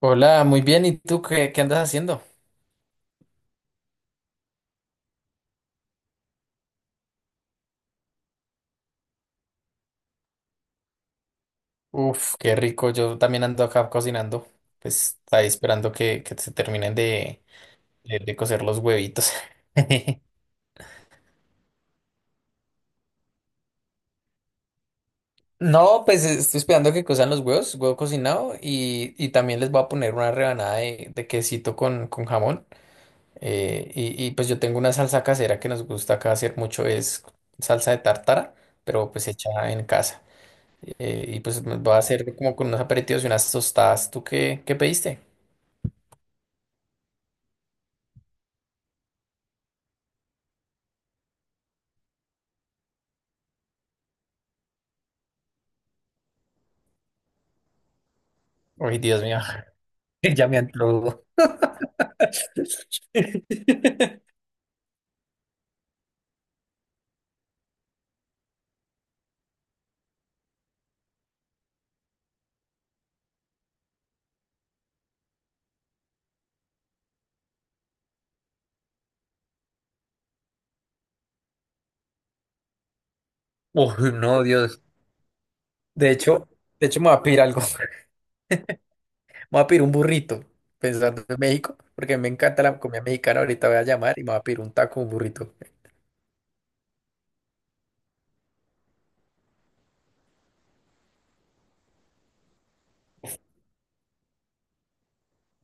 Hola, muy bien. ¿Y tú qué, qué andas haciendo? Uf, qué rico. Yo también ando acá cocinando. Pues ahí esperando que se terminen de cocer los huevitos. No, pues estoy esperando que cozan los huevos, huevo cocinado, y también les voy a poner una rebanada de quesito con jamón. Y pues yo tengo una salsa casera que nos gusta acá hacer mucho, es salsa de tártara, pero pues hecha en casa. Y pues me voy a hacer como con unos aperitivos y unas tostadas. ¿Tú qué, qué pediste? Uy, Dios mío. Uy, no, Dios. De hecho, de hecho me voy a pedir algo. Me voy a pedir un burrito, pensando en México, porque me encanta la comida mexicana. Ahorita voy a llamar y me voy a pedir un taco, un burrito.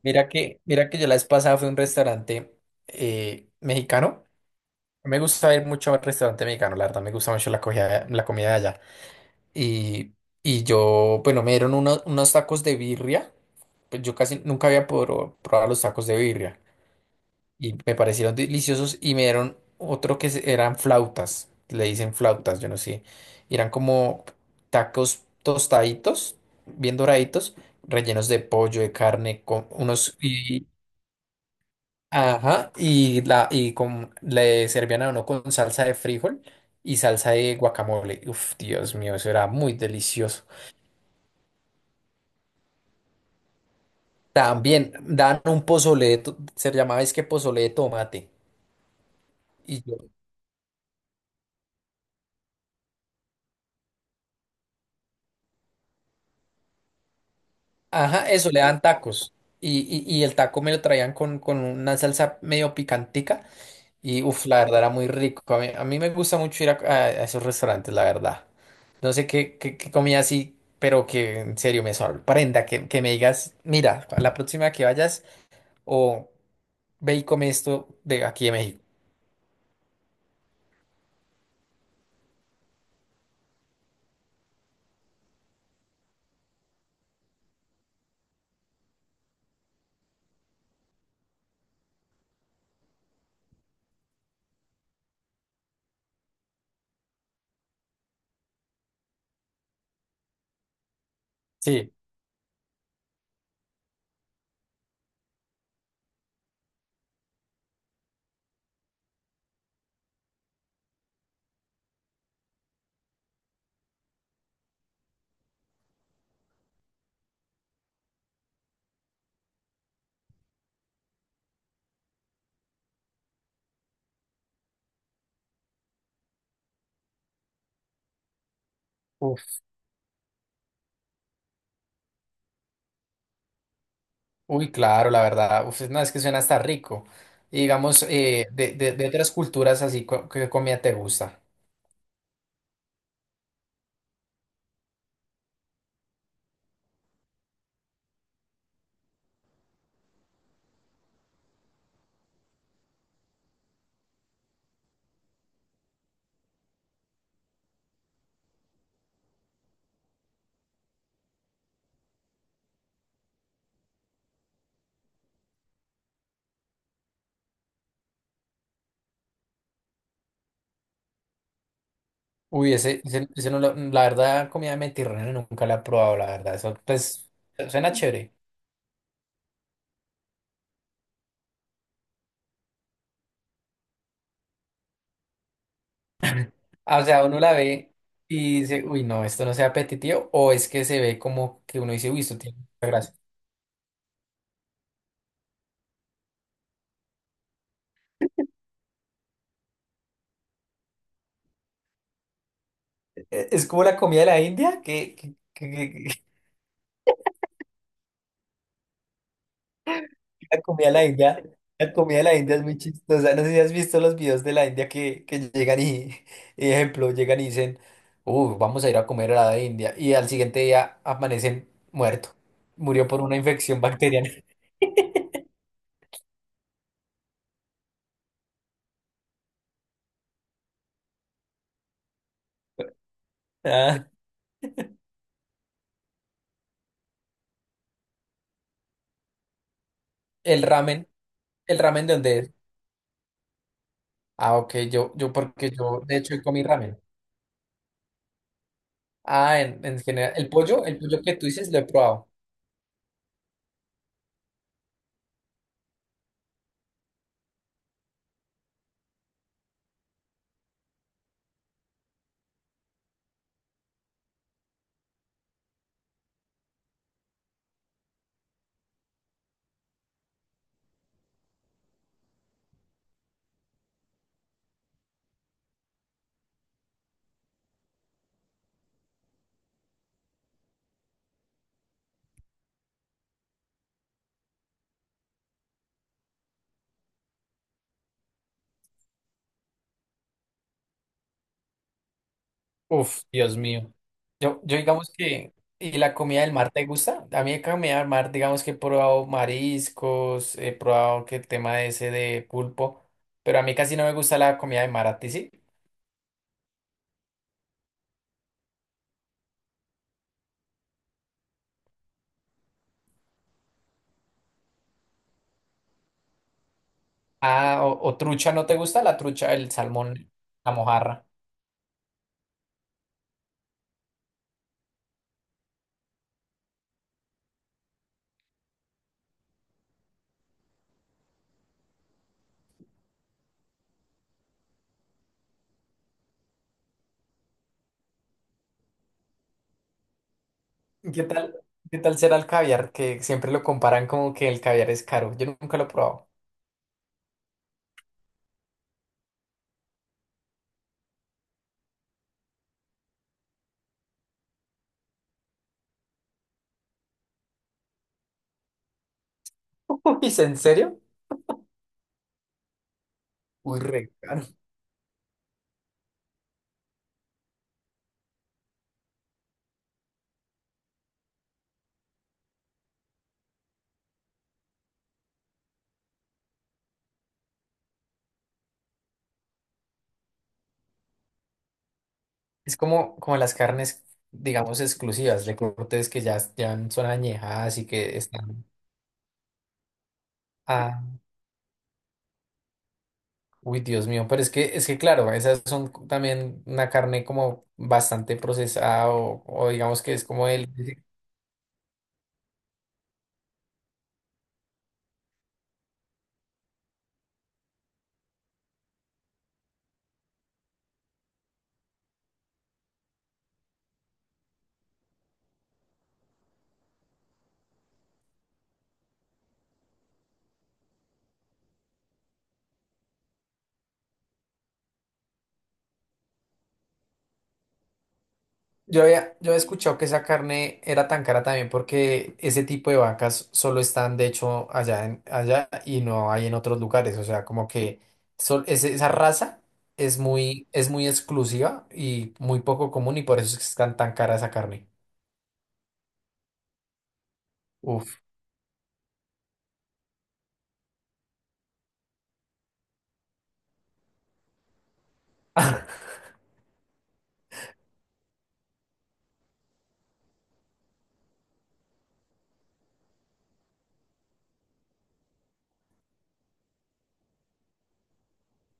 Mira que yo la vez pasada fui a un restaurante mexicano. No me gusta ir mucho al restaurante mexicano, la verdad. Me gusta mucho la comida de allá. Y, y yo, bueno, me dieron unos tacos de birria. Pues yo casi nunca había probado los tacos de birria. Y me parecieron deliciosos y me dieron otro que eran flautas, le dicen flautas, yo no sé, y eran como tacos tostaditos, bien doraditos, rellenos de pollo, de carne, con unos y ajá, y la y con le servían a uno con salsa de frijol y salsa de guacamole. Uf, Dios mío, eso era muy delicioso. También dan un pozole, de se llamaba es que pozole de tomate. Ajá, eso, le dan tacos. Y el taco me lo traían con una salsa medio picantica. Y uff, la verdad era muy rico. A mí me gusta mucho ir a esos restaurantes, la verdad. No sé qué, qué comida así, pero que en serio me sorprenda. Que me digas, mira, a la próxima que vayas, o ve y come esto de aquí de México. Sí, uf, uy, claro, la verdad. Uf, no, es que suena hasta rico. Y digamos, de otras culturas así, ¿qué comida te gusta? Uy, ese no, la verdad, comida mediterránea nunca la he probado, la verdad. Eso, pues, suena chévere. Ah, o sea, uno la ve y dice, uy, no, esto no sea apetitivo, o es que se ve como que uno dice, uy, esto tiene mucha grasa. Es como la comida de la India, que la comida de la India, la comida de la India es muy chistosa. No sé si has visto los videos de la India que llegan y, y, ejemplo, llegan y dicen, uy, vamos a ir a comer a la India, y al siguiente día amanecen muerto, murió por una infección bacteriana. Ah, el ramen, el ramen de dónde es. Ah, ok, yo porque yo de hecho comí ramen. Ah, en general, el pollo que tú dices lo he probado. Uf, Dios mío. Yo digamos que, ¿y la comida del mar te gusta? A mí la comida del mar, digamos que he probado mariscos, he probado que el tema ese de pulpo, pero a mí casi no me gusta la comida de mar, ¿a ti sí? Ah, o trucha, ¿no te gusta la trucha, el salmón, la mojarra? ¿Qué tal? ¿Qué tal será el caviar? Que siempre lo comparan como que el caviar es caro. Yo nunca lo he probado. Uy, ¿es en serio? Uy, re caro. Es como, como las carnes, digamos, exclusivas de cortes que ya, ya son añejadas y que están... Ah, uy, Dios mío. Pero es que claro, esas son también una carne como bastante procesada o digamos que es como el... Yo había, yo he escuchado que esa carne era tan cara también porque ese tipo de vacas solo están de hecho allá, allá y no hay en otros lugares. O sea, como que esa raza es muy exclusiva y muy poco común y por eso es que están tan cara esa carne. Uf.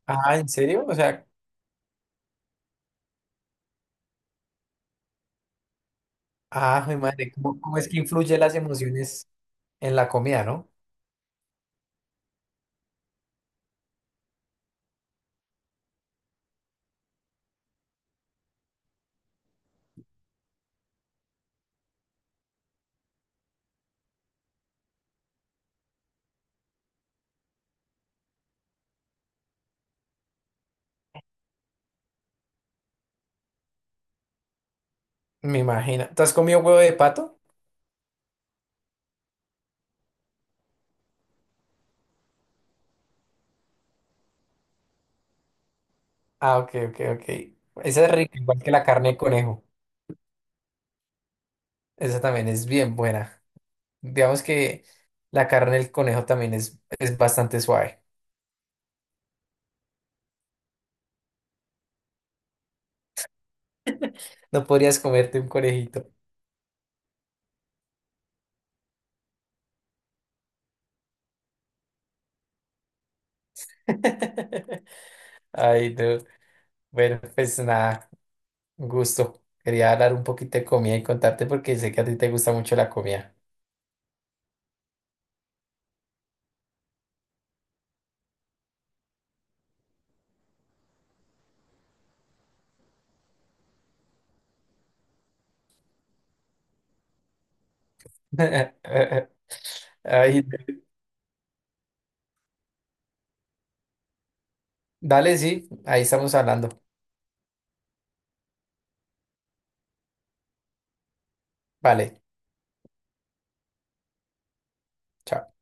Ah, ¿en serio? O sea, ah, mi madre, ¿cómo, cómo es que influye las emociones en la comida, no? Me imagino. ¿Tú has comido huevo de pato? Ah, ok, ok, ok. Esa es rica, igual que la carne de conejo. Esa también es bien buena. Digamos que la carne del conejo también es bastante suave. No podrías comerte un conejito. Ay, no. Bueno, pues nada, un gusto. Quería hablar un poquito de comida y contarte porque sé que a ti te gusta mucho la comida. Ay, dale, sí, ahí estamos hablando. Vale. Chao.